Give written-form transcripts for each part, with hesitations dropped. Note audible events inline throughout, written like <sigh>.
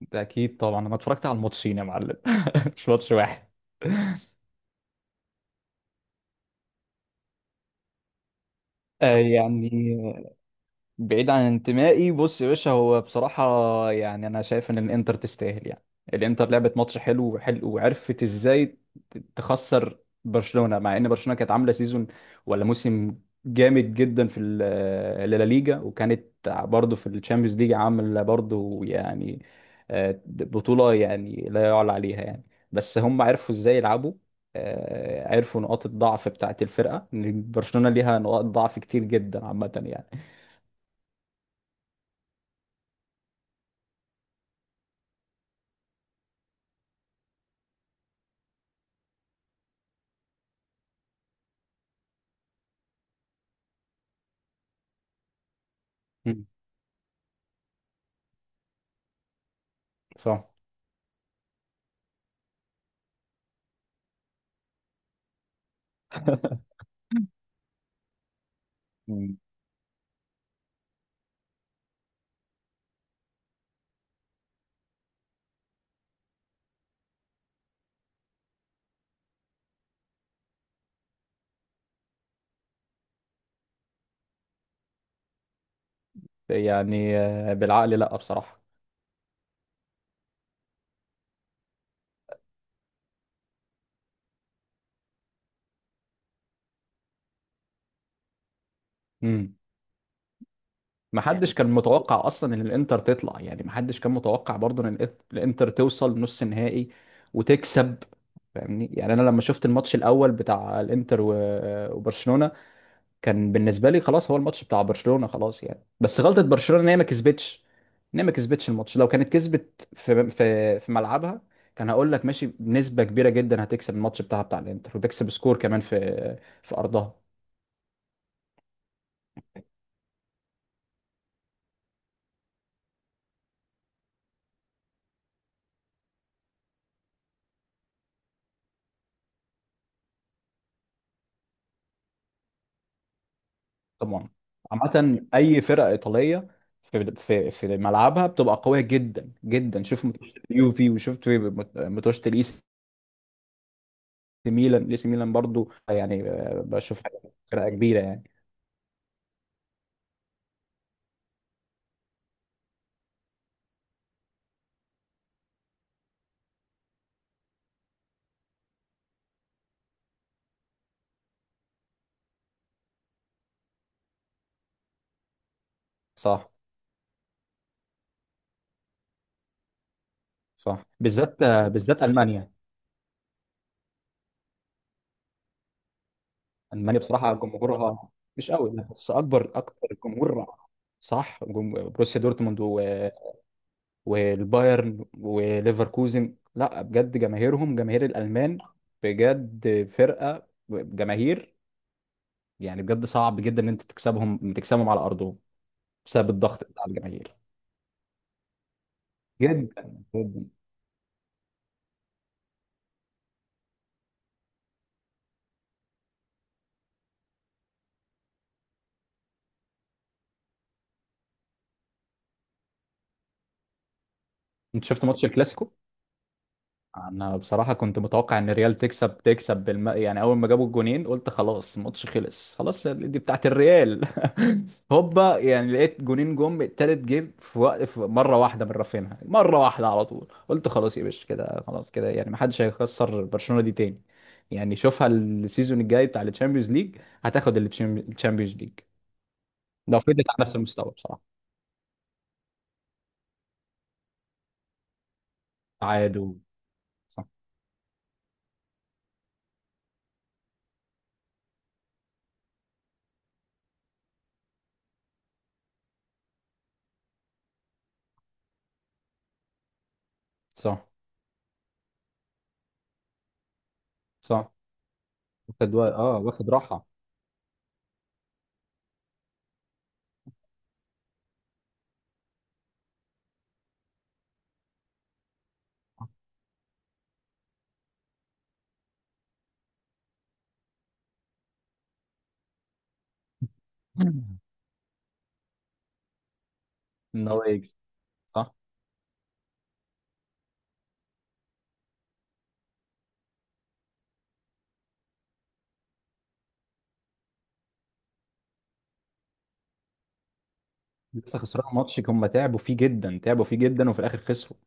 ده اكيد طبعا، انا اتفرجت على الماتشين يا معلم. <laughs> مش ماتش واحد. آه، يعني، بعيد عن انتمائي. بص يا باشا، هو بصراحة، يعني أنا شايف إن الإنتر تستاهل، يعني الإنتر لعبت ماتش حلو وحلو وعرفت إزاي تخسر برشلونة، مع إن برشلونة كانت عاملة سيزون ولا موسم جامد جدا في اللا ليجا، وكانت برضه في الشامبيونز ليج عاملة برضه، يعني بطولة يعني لا يعلى عليها، يعني بس هم عرفوا إزاي يلعبوا. عرفوا نقاط الضعف بتاعت الفرقة، إن برشلونة ليها نقاط ضعف كتير جدا عامة، يعني. صح. مم. يعني، بالعقل لا بصراحة. مم. محدش يعني كان متوقع اصلا ان الانتر تطلع، يعني محدش كان متوقع برضه ان الانتر توصل نص نهائي وتكسب. فاهمني؟ يعني انا لما شفت الماتش الاول بتاع الانتر وبرشلونة، كان بالنسبة لي خلاص، هو الماتش بتاع برشلونة خلاص، يعني بس غلطة برشلونة ان هي ما كسبتش الماتش. لو كانت كسبت في ملعبها، كان هقول لك ماشي بنسبة كبيرة جدا هتكسب الماتش بتاعها بتاع الانتر وتكسب سكور كمان في ارضها. طبعا. عامة أي فرقة إيطالية في ملعبها بتبقى قوية جدا جدا. شوف ماتشات اليوفي، وشفت ماتشات الإي سي ميلان برضو، يعني بشوفها فرقة كبيرة، يعني. صح. صح. بالذات بالذات ألمانيا. ألمانيا بصراحة جمهورها مش قوي، لا، بس أكبر أكتر جمهور. صح. بروسيا دورتموند والبايرن وليفركوزن، لا بجد جماهيرهم، جماهير الألمان، بجد فرقة جماهير، يعني بجد صعب جدا ان انت تكسبهم، تكسبهم على ارضهم بسبب الضغط بتاع الجماهير. جدا جدا. انت شفت ماتش الكلاسيكو؟ انا بصراحه كنت متوقع ان الريال تكسب. يعني اول ما جابوا الجونين قلت خلاص الماتش خلص، خلاص دي بتاعت الريال. <laughs> هوبا، يعني لقيت جونين جم، التالت جه في وقت، في مره واحده من رافينها، مره واحده على طول، قلت خلاص يا باشا كده، خلاص كده، يعني ما حدش هيخسر برشلونه دي تاني. يعني شوفها، السيزون الجاي بتاع الشامبيونز ليج هتاخد الشامبيونز ليج لو فضلت على نفس المستوى بصراحه. تعادل. صح. صح. صح. واخد و... اه واخد راحه. <laughs> ان هو يكسب. صح. لسه خسران ماتش، هم تعبوا فيه جدا، تعبوا فيه جدا، وفي الاخر خسروا.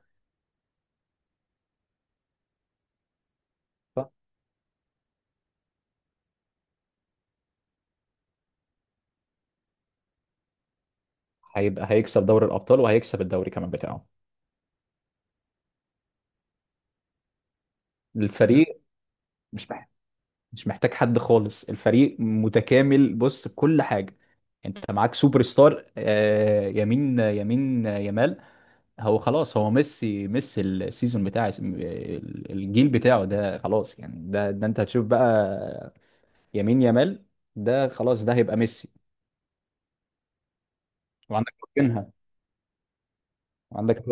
صح. هيبقى هيكسب دوري الابطال وهيكسب الدوري كمان بتاعه. الفريق مش محتاج مش محتاج حد خالص، الفريق متكامل، بص بكل حاجه. انت معاك سوبر ستار، يمين يمال. هو خلاص، هو ميسي ميسي، السيزون بتاع الجيل بتاعه ده خلاص، يعني ده انت هتشوف بقى يمين يامال. ده خلاص، ده هيبقى ميسي. وعندك كوتينها. وعندك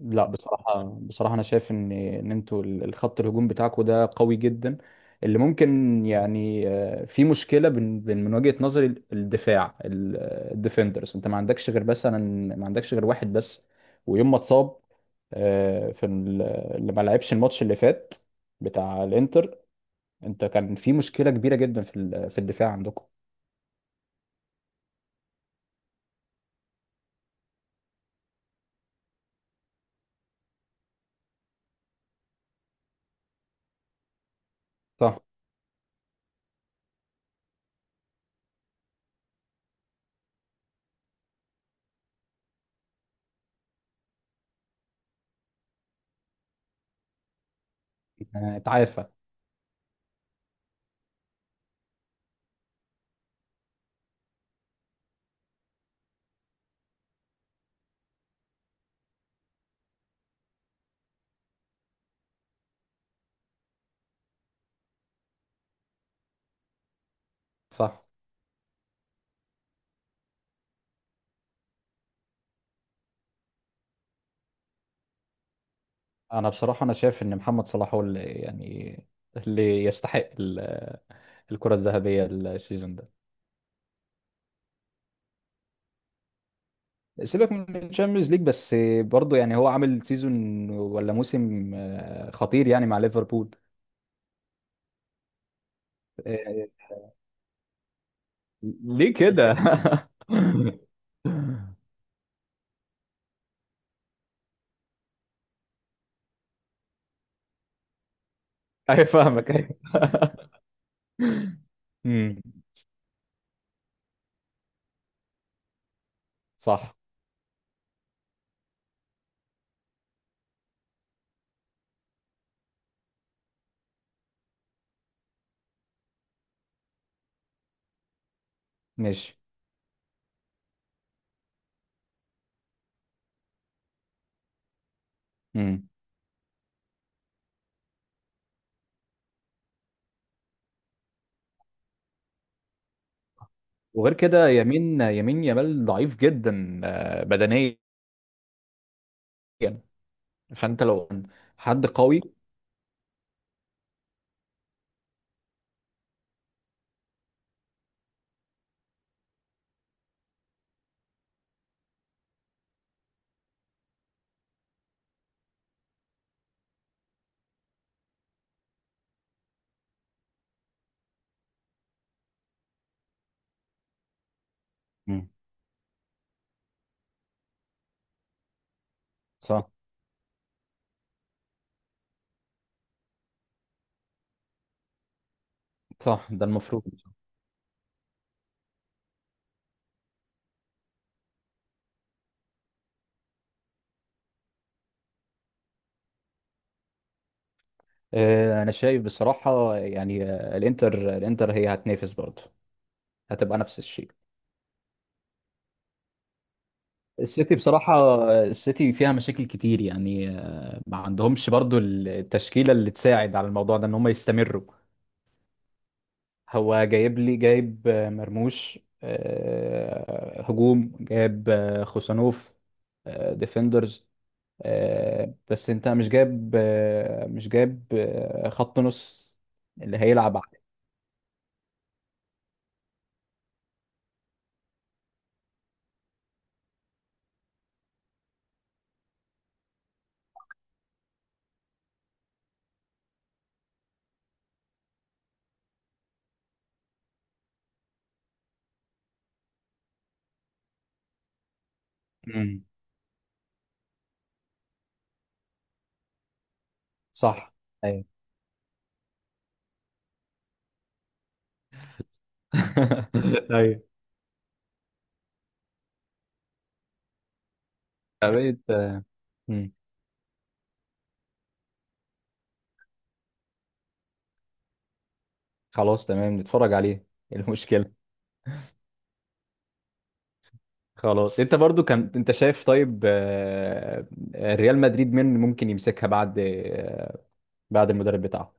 لا بصراحة، أنا شايف إن أنتوا الخط الهجوم بتاعكوا ده قوي جدا. اللي ممكن يعني في مشكلة، من وجهة نظري الدفاع الديفندرز، أنت ما عندكش غير مثلا، ما عندكش غير واحد بس. ويوم ما اتصاب في اللي ما لعبش الماتش اللي فات بتاع الإنتر، أنت كان في مشكلة كبيرة جدا في في الدفاع عندكم. صح. اتعافى. صح. أنا بصراحة، أنا شايف إن محمد صلاح هو اللي يستحق الكرة الذهبية السيزون ده. سيبك من الشامبيونز ليج، بس برضه، يعني هو عامل سيزون ولا موسم خطير، يعني مع ليفربول. آه، ليه كده؟ <laughs> ايوه، فاهمك، ايوه. امم. صح. ماشي. امم. وغير كده، يمين يمال ضعيف جدا بدنيا، فانت لو حد قوي. مم. صح. صح، ده المفروض. انا شايف بصراحة، يعني الانتر هي هتنافس برضه، هتبقى نفس الشيء. السيتي بصراحة، السيتي فيها مشاكل كتير، يعني ما عندهمش برضو التشكيلة اللي تساعد على الموضوع ده ان هم يستمروا. هو جايب مرموش، هجوم، جايب خوسانوف، ديفندرز، بس انت مش جايب، خط نص اللي هيلعب عليه. مم. صح. ايوه. <laughs> ايوه. فبقيت. خلاص تمام، نتفرج عليه. إيه المشكلة؟ خلاص. انت برضو كان انت شايف، طيب، ريال مدريد مين ممكن يمسكها بعد، بعد المدرب بتاعه؟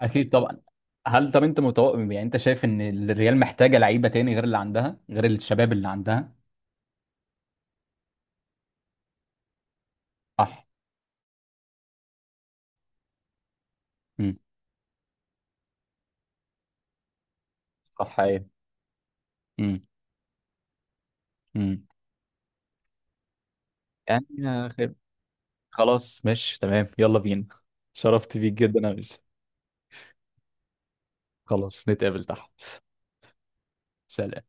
اكيد طبعا. هل طب انت متوقع، يعني انت شايف ان الريال محتاجة لعيبة تاني غير اللي عندها، غير الشباب اللي عندها؟ صح. امم. صح. ايه. امم. امم. يعني خير. خلاص ماشي تمام، يلا بينا. شرفت بيك جدا يا أنس. خلاص، نتقابل تحت. سلام.